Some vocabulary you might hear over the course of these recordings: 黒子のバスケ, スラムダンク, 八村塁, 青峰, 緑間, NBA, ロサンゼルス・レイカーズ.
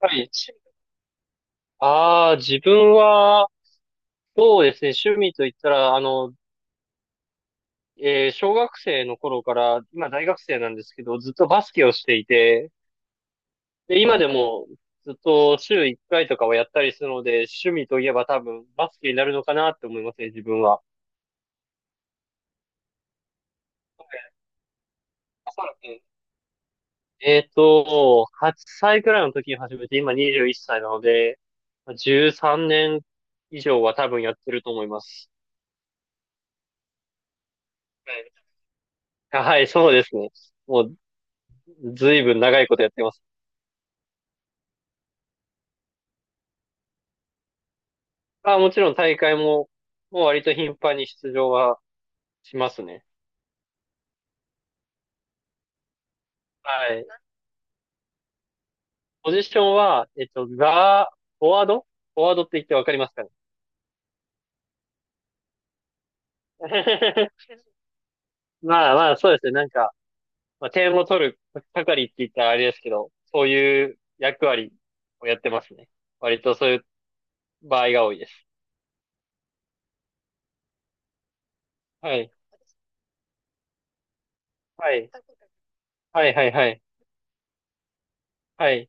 はい。ああ、自分は、そうですね、趣味と言ったら、小学生の頃から、今大学生なんですけど、ずっとバスケをしていて、で、今でもずっと週1回とかはやったりするので、趣味といえば多分バスケになるのかなって思いますね、自分は。8歳くらいの時に始めて、今21歳なので、13年以上は多分やってると思います。はい、はいそうですね。もうずいぶん長いことやってます。あ、もちろん大会も、もう割と頻繁に出場はしますね。はい。ポジションは、フォワードフォワードって言ってわかりますかね？まあまあ、そうですね。なんか、まあ、点を取る係って言ったらあれですけど、そういう役割をやってますね。割とそういう場合が多いです。はい。はい。はいはいはい。はい。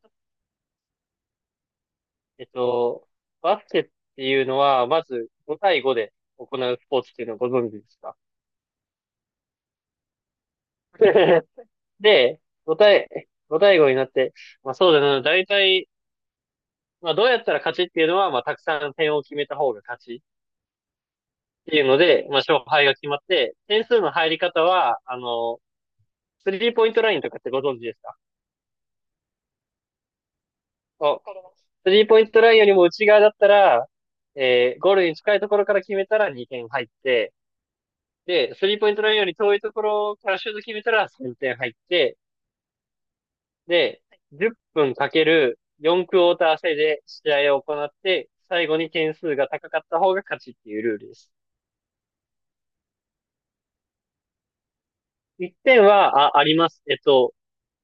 えっと、バスケっていうのは、まず5対5で行うスポーツっていうのをご存知ですか？ で、ご対ご対語になって、まあそうだな、大体、まあどうやったら勝ちっていうのは、まあたくさん点を決めた方が勝ちっていうので、まあ勝敗が決まって、点数の入り方は、スリーポイントラインとかってご存知ですか？あります。スリーポイントラインよりも内側だったら、ゴールに近いところから決めたら2点入って、で、スリーポイントラインより遠いところからシュート決めたら3点入って、で、10分かける4クォーター制で試合を行って、最後に点数が高かった方が勝ちっていうルールです。1点は、あ、あります。えっと、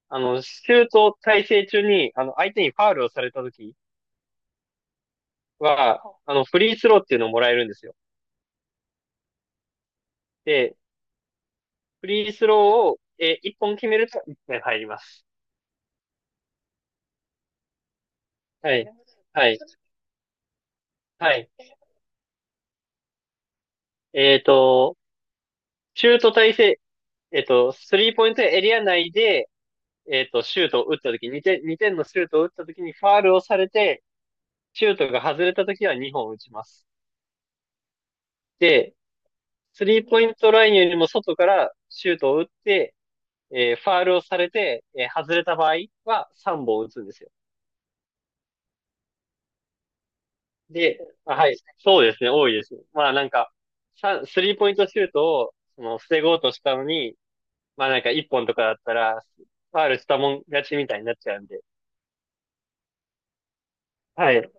あの、シュート体制中に、相手にファウルをされた時は、フリースローっていうのをもらえるんですよ。で、フリースローを、1本決めると1点入ります。はい。はい。はい。えっと、シュート体制、スリーポイントエリア内で、シュートを打った時、2点、2点のシュートを打った時にファールをされて、シュートが外れた時は2本打ちます。で、スリーポイントラインよりも外からシュートを打って、ファールをされて、外れた場合は3本打つんですよ。で、あ、はい。そうですね、多いですね。まあなんか、スリーポイントシュートを、その、防ごうとしたのに、まあなんか1本とかだったら、ファールしたもん勝ちみたいになっちゃうんで。はい。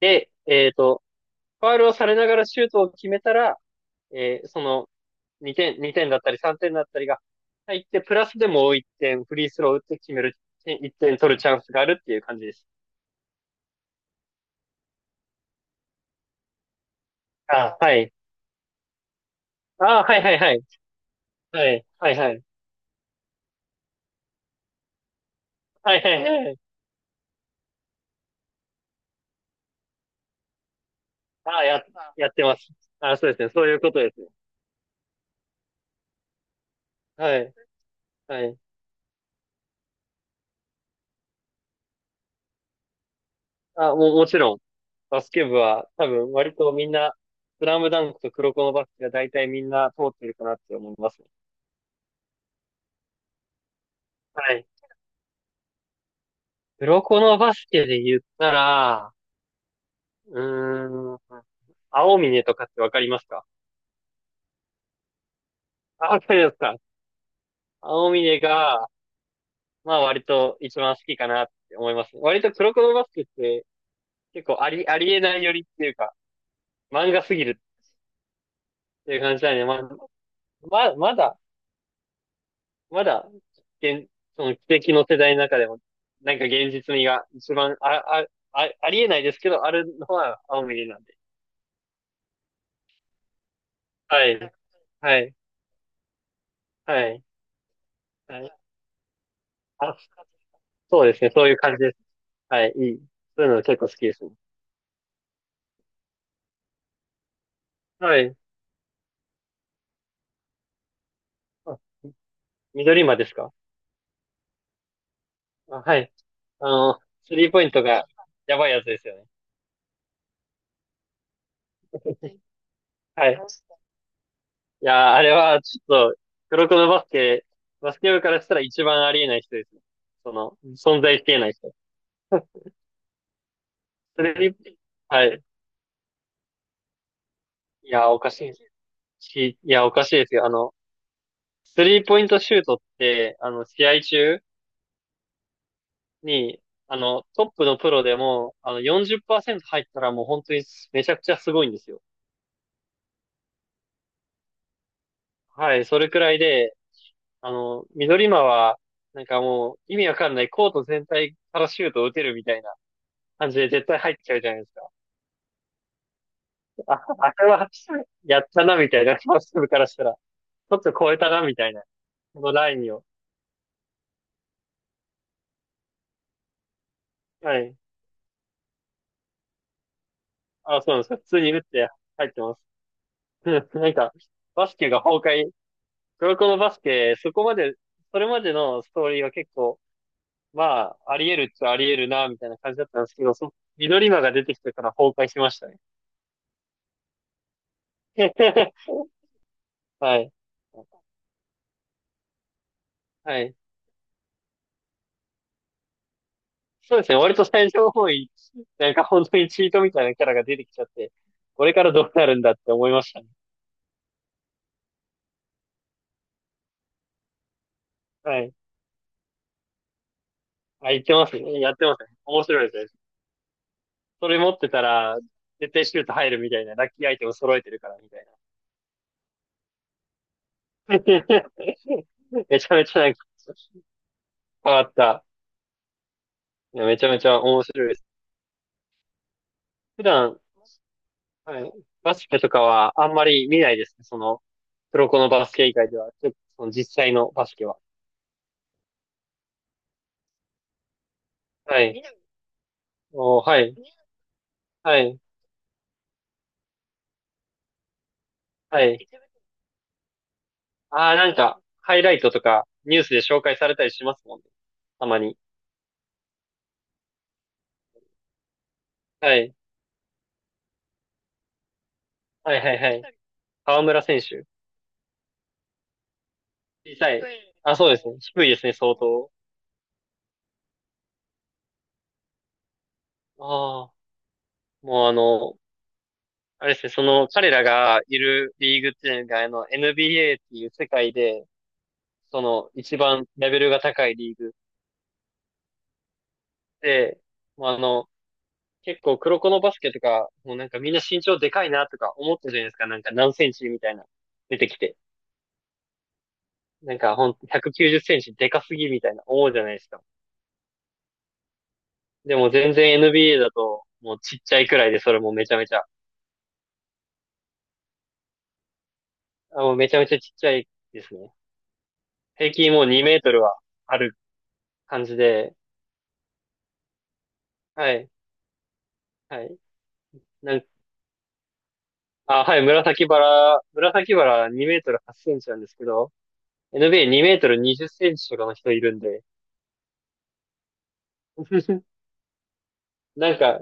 で、ファールをされながらシュートを決めたら、その、2点、2点だったり3点だったりが入って、プラスでもう1点フリースロー打って決める、1点取るチャンスがあるっていう感じです。あ、はい。あ、はいはいはい。はい、はいはい。はいはいはい。あ、や、やってます。あ、そうですね。そういうことですね。はい、はい。あ、もう、もちろん、バスケ部は多分割とみんな、スラムダンクと黒子のバスケが大体みんな通ってるかなって思いますね。はい。黒子のバスケで言ったら、うーん。青峰とかってわかりますか？あ、わかりますか？青峰が、まあ割と一番好きかなって思います。割とクロコロバスケって結構ありえないよりっていうか、漫画すぎるっていう感じなんで、まあ、まだ、まだ、現、その奇跡の世代の中でも、なんか現実味が一番、ありえないですけど、あるのは青峰なんで。はい、はい、はい、はい。あ、そうですね、そういう感じです。はい、いい。そういうの結構好きですね。はい。緑馬ですか？あ、はい。あの、スリーポイントがやばいやつですよね。はい。いやー、あれはちょっと、黒子のバスケ、バスケ部からしたら一番ありえない人ですね。その、存在しきれない人。スリー、はい。いやー、おかしいし、いや、おかしいですよ。スリーポイントシュートって、試合中に、トップのプロでも、40%入ったらもう本当にめちゃくちゃすごいんですよ。はい、それくらいで、緑間は、なんかもう、意味わかんない、コート全体からシュートを打てるみたいな感じで絶対入っちゃうじゃないですか。あ、あれは、やったな、みたいな、ファースト部からしたら。ちょっと超えたな、みたいな。このラインを。はい。あ、そうなんですか。普通に打って入ってます。なんか、バスケが崩壊。黒子のバスケ、そこまで、それまでのストーリーは結構、まあ、あり得るっちゃあり得るな、みたいな感じだったんですけど、緑間が出てきてから崩壊しましたね。はい。はい。そうですね。割と最初の方位、なんか本当にチートみたいなキャラが出てきちゃって、これからどうなるんだって思いましたね。はい。あ、言ってますね。やってますね。面白いですね。それ持ってたら、絶対シュート入るみたいな、ラッキーアイテム揃えてるからみたいな。めちゃめちゃなんか、変わった。いやめちゃめちゃ面白いです。普段、はい、バスケとかはあんまり見ないですね。その、黒子のバスケ以外では、ちょっとその実際のバスケは。はい。見ないお、はい。はい。はい。ああ、なんか、ハイライトとか、ニュースで紹介されたりしますもんね。たまに。はい。はいはいはい。河村選手。小さい。あ、そうですね。低いですね、相当。ああ、もうあれですね、その、彼らがいるリーグっていうのが、NBA っていう世界で、その、一番レベルが高いリーグで、もう結構黒子のバスケとか、もうなんかみんな身長でかいなとか思ったじゃないですか、なんか何センチみたいな、出てきて。なんかほんと190センチでかすぎみたいな思うじゃないですか。でも全然 NBA だともうちっちゃいくらいでそれもめちゃめちゃ、あもうめちゃめちゃちっちゃいですね。平均もう2メートルはある感じで、はい、はい。なんあ、はい、紫バラ2メートル8センチなんですけど、NBA2 メートル20センチとかの人いるんで、なんか、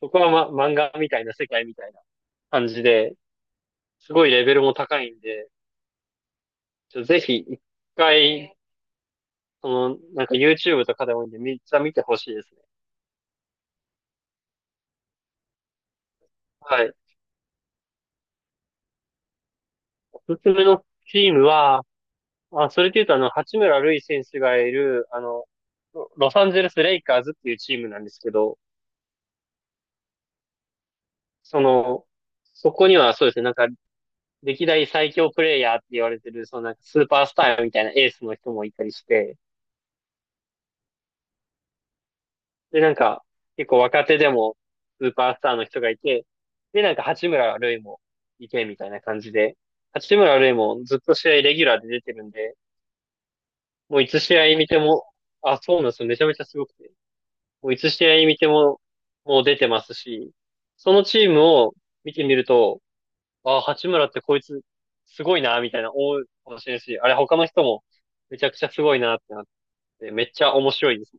そこは、ま、漫画みたいな世界みたいな感じで、すごいレベルも高いんで、ぜひ一回その、なんか YouTube とかでもいいんで、めっちゃ見てほしいですね。はい。おすすめのチームは、あ、それで言うとあの、八村塁選手がいる、あの、ロサンゼルス・レイカーズっていうチームなんですけど、その、そこにはそうですね、なんか、歴代最強プレイヤーって言われてる、そのなんかスーパースターみたいなエースの人もいたりして、で、なんか、結構若手でもスーパースターの人がいて、で、なんか八村塁もいてみたいな感じで、八村塁もずっと試合レギュラーで出てるんで、もういつ試合見ても、あ、そうなんですよ。めちゃめちゃすごくて。もういつ試合見ても、もう出てますし、そのチームを見てみると、あ、八村ってこいつ、すごいな、みたいな思うかもしれないし、あれ他の人もめちゃくちゃすごいなってなって、めっちゃ面白いです。